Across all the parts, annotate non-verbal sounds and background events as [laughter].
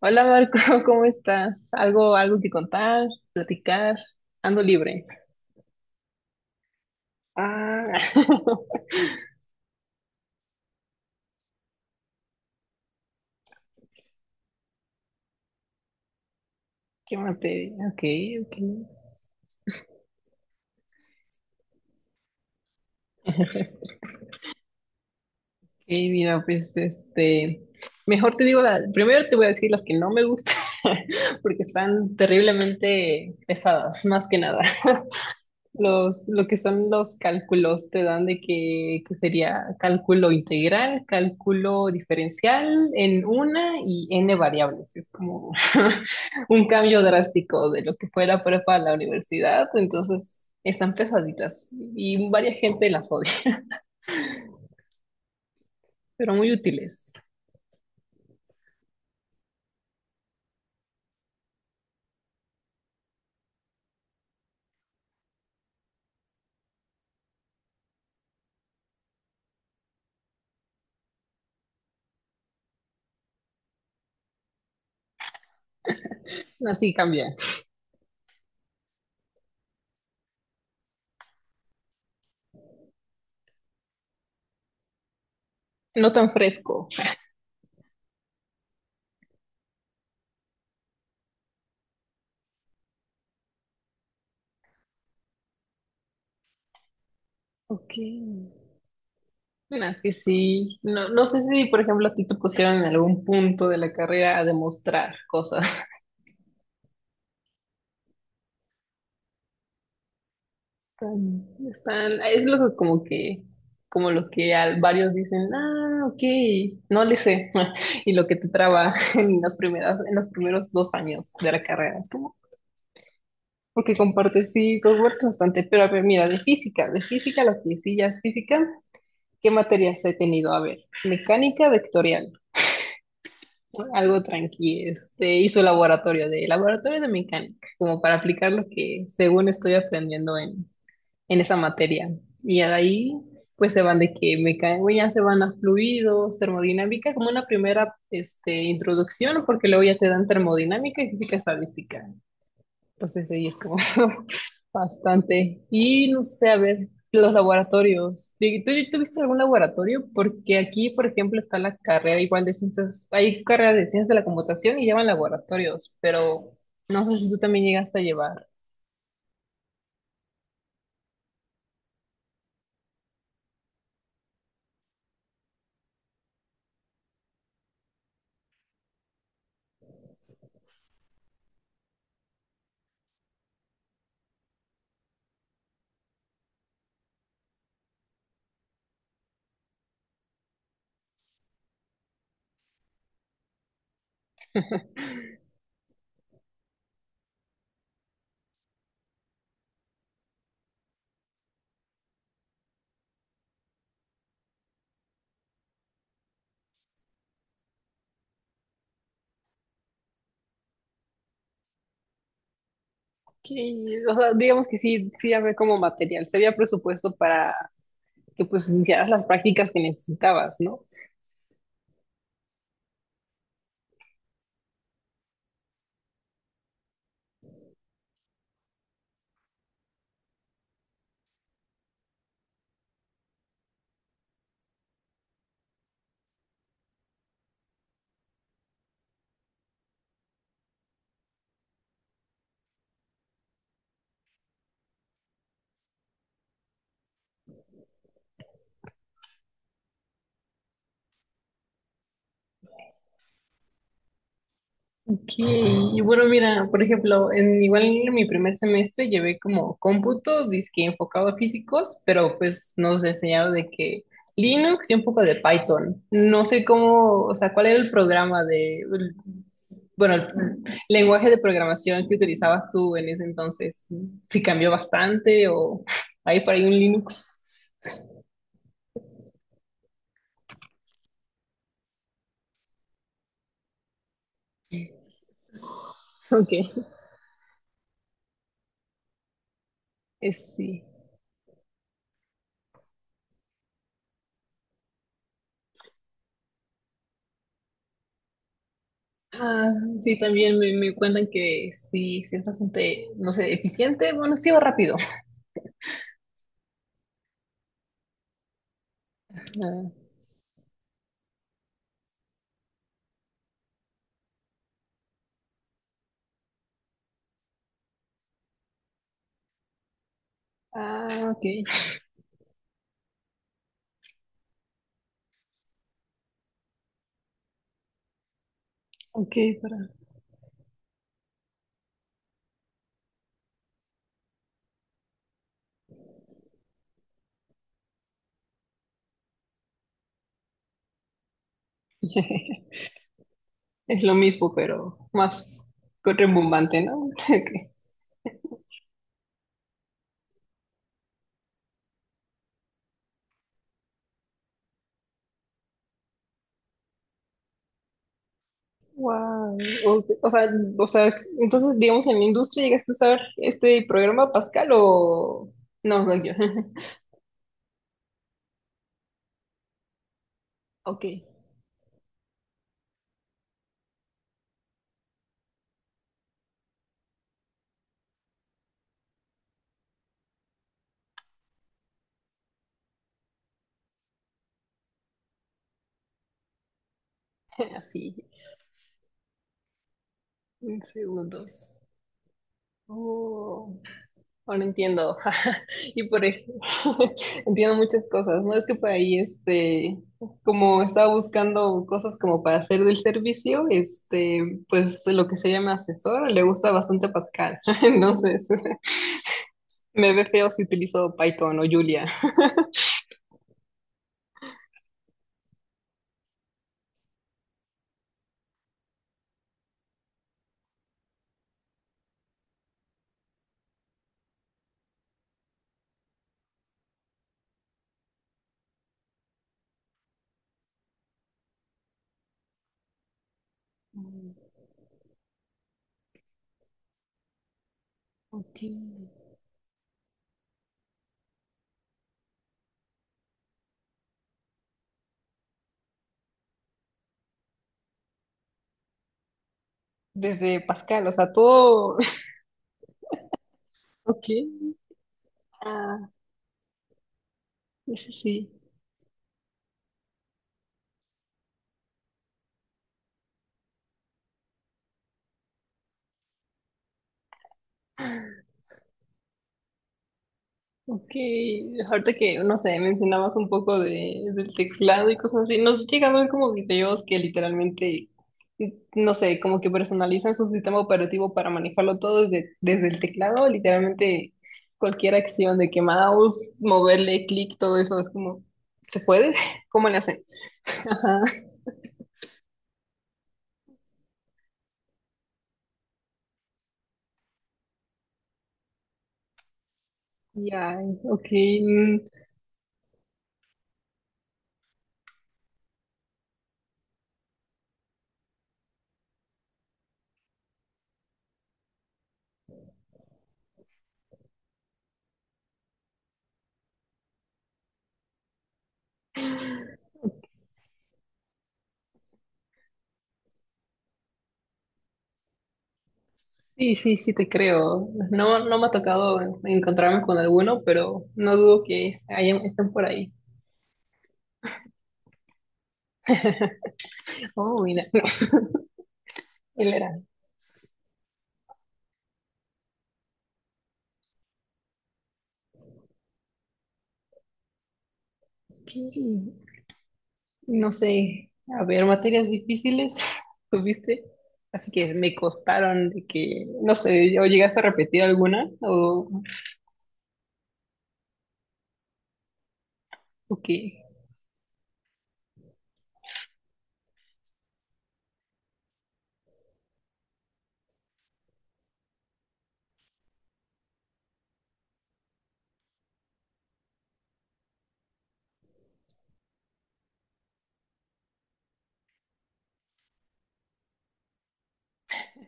Hola Marco, [laughs] ¿cómo estás? ¿Algo que contar, platicar? Ando libre. Ah, [laughs] qué materia. Ok, ok. [laughs] Ok, mira, pues mejor te digo, primero te voy a decir las que no me gustan, [laughs] porque están terriblemente pesadas, más que nada. [laughs] Lo que son los cálculos te dan de que sería cálculo integral, cálculo diferencial en una y n variables. Es como [laughs] un cambio drástico de lo que fue la prepa a la universidad. Entonces están pesaditas y varias gente las odia, [laughs] pero muy útiles. Así cambia. No tan fresco. Ok. Bueno, es que sí. No, no sé si, por ejemplo, a ti te pusieron en algún punto de la carrera a demostrar cosas. Es lo que, como lo que varios dicen, ah, ok, no le sé, [laughs] y lo que te traba [laughs] en en los primeros dos años de la carrera, es como, porque compartes sí, cohort constante, pero a ver, mira, de física, lo que sí ya es física, ¿qué materias he tenido? A ver, mecánica vectorial, ¿no? Algo tranqui, hizo laboratorio de mecánica, como para aplicar lo que según estoy aprendiendo en esa materia. Y ahí pues se van de que mecánica, ya se van a fluidos, termodinámica, como una primera introducción, porque luego ya te dan termodinámica y física estadística. Entonces ahí es como [laughs] bastante. Y no sé, a ver, los laboratorios. ¿Tú viste algún laboratorio? Porque aquí, por ejemplo, está la carrera igual de ciencias, hay carrera de ciencias de la computación y llevan laboratorios, pero no sé si tú también llegaste a llevar. Que, o sea, digamos que sí había como material, se había presupuesto para que pues hicieras las prácticas que necesitabas, ¿no? Ok, y bueno, mira, por ejemplo, en, igual en mi primer semestre llevé como cómputo, disque enfocado a físicos, pero pues nos enseñaron de que Linux y un poco de Python. No sé cómo, o sea, cuál era el programa de, bueno, el lenguaje de programación que utilizabas tú en ese entonces, si cambió bastante o hay por ahí un Linux. [laughs] Ok. Es, sí. Ah, sí, también me cuentan que sí, sí es bastante, no sé, eficiente, bueno, sí va rápido. Ah, ah, ok, ok, para. [laughs] Es lo mismo, pero más rebumbante, ¿no? [laughs] Ok. Wow. O, o sea, o sea, entonces, digamos, en la industria llegaste a usar este programa Pascal o... No, no, yo. [laughs] Ok, [laughs] así, en segundos. Oh, ahora entiendo. [laughs] Y por ejemplo, [laughs] entiendo muchas cosas, ¿no? Es que por ahí, como estaba buscando cosas como para hacer del servicio, pues lo que se llama asesor, le gusta bastante Pascal. [laughs] Entonces, [laughs] me ve feo si utilizo Python o Julia. [laughs] Mm, ok. Desde Pascal, o sea, todo, [laughs] ok. Ah, eso sí, ok, ahorita que, no sé, mencionabas un poco de, del teclado y cosas así, nos llegan a ver como videos que literalmente, no sé, como que personalizan su sistema operativo para manejarlo todo desde el teclado, literalmente cualquier acción de que mouse, moverle, clic, todo eso es como, ¿se puede? [laughs] ¿Cómo le hacen? Ajá, ya, ok. Mm, sí, sí, sí, te creo. No, no me ha tocado encontrarme con alguno, pero no dudo que estén por ahí. Oh, mira, [laughs] él era. Ok. No sé, a ver, materias difíciles [laughs] tuviste, así que me costaron de que, no sé, o llegaste a repetir alguna o qué.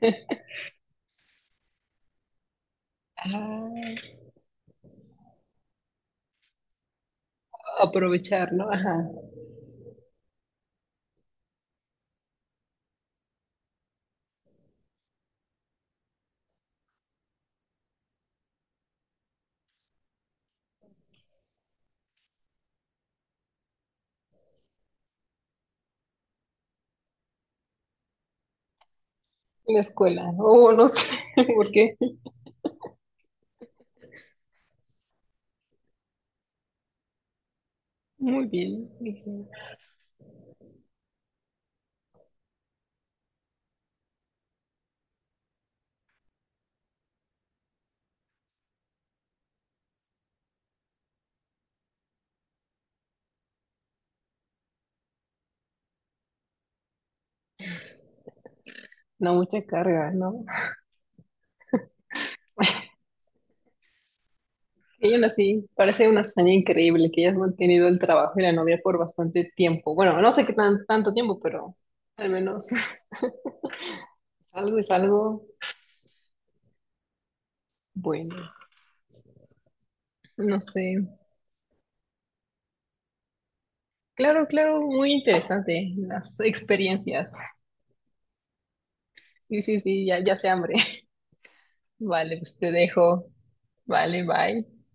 [laughs] Ah, aprovechar, ¿no? Ajá, la escuela, o no sé, [laughs] por qué. Muy bien, muy bien. No mucha carga, ¿no? Ella aún así parece una hazaña increíble que hayas mantenido el trabajo y la novia por bastante tiempo. Bueno, no sé qué tan, tanto tiempo, pero al menos [laughs] algo es algo bueno. No sé. Claro, claro, muy interesante las experiencias. Sí, sí, sí, ya, ya se hambre. [laughs] Vale, pues te dejo. Vale, bye.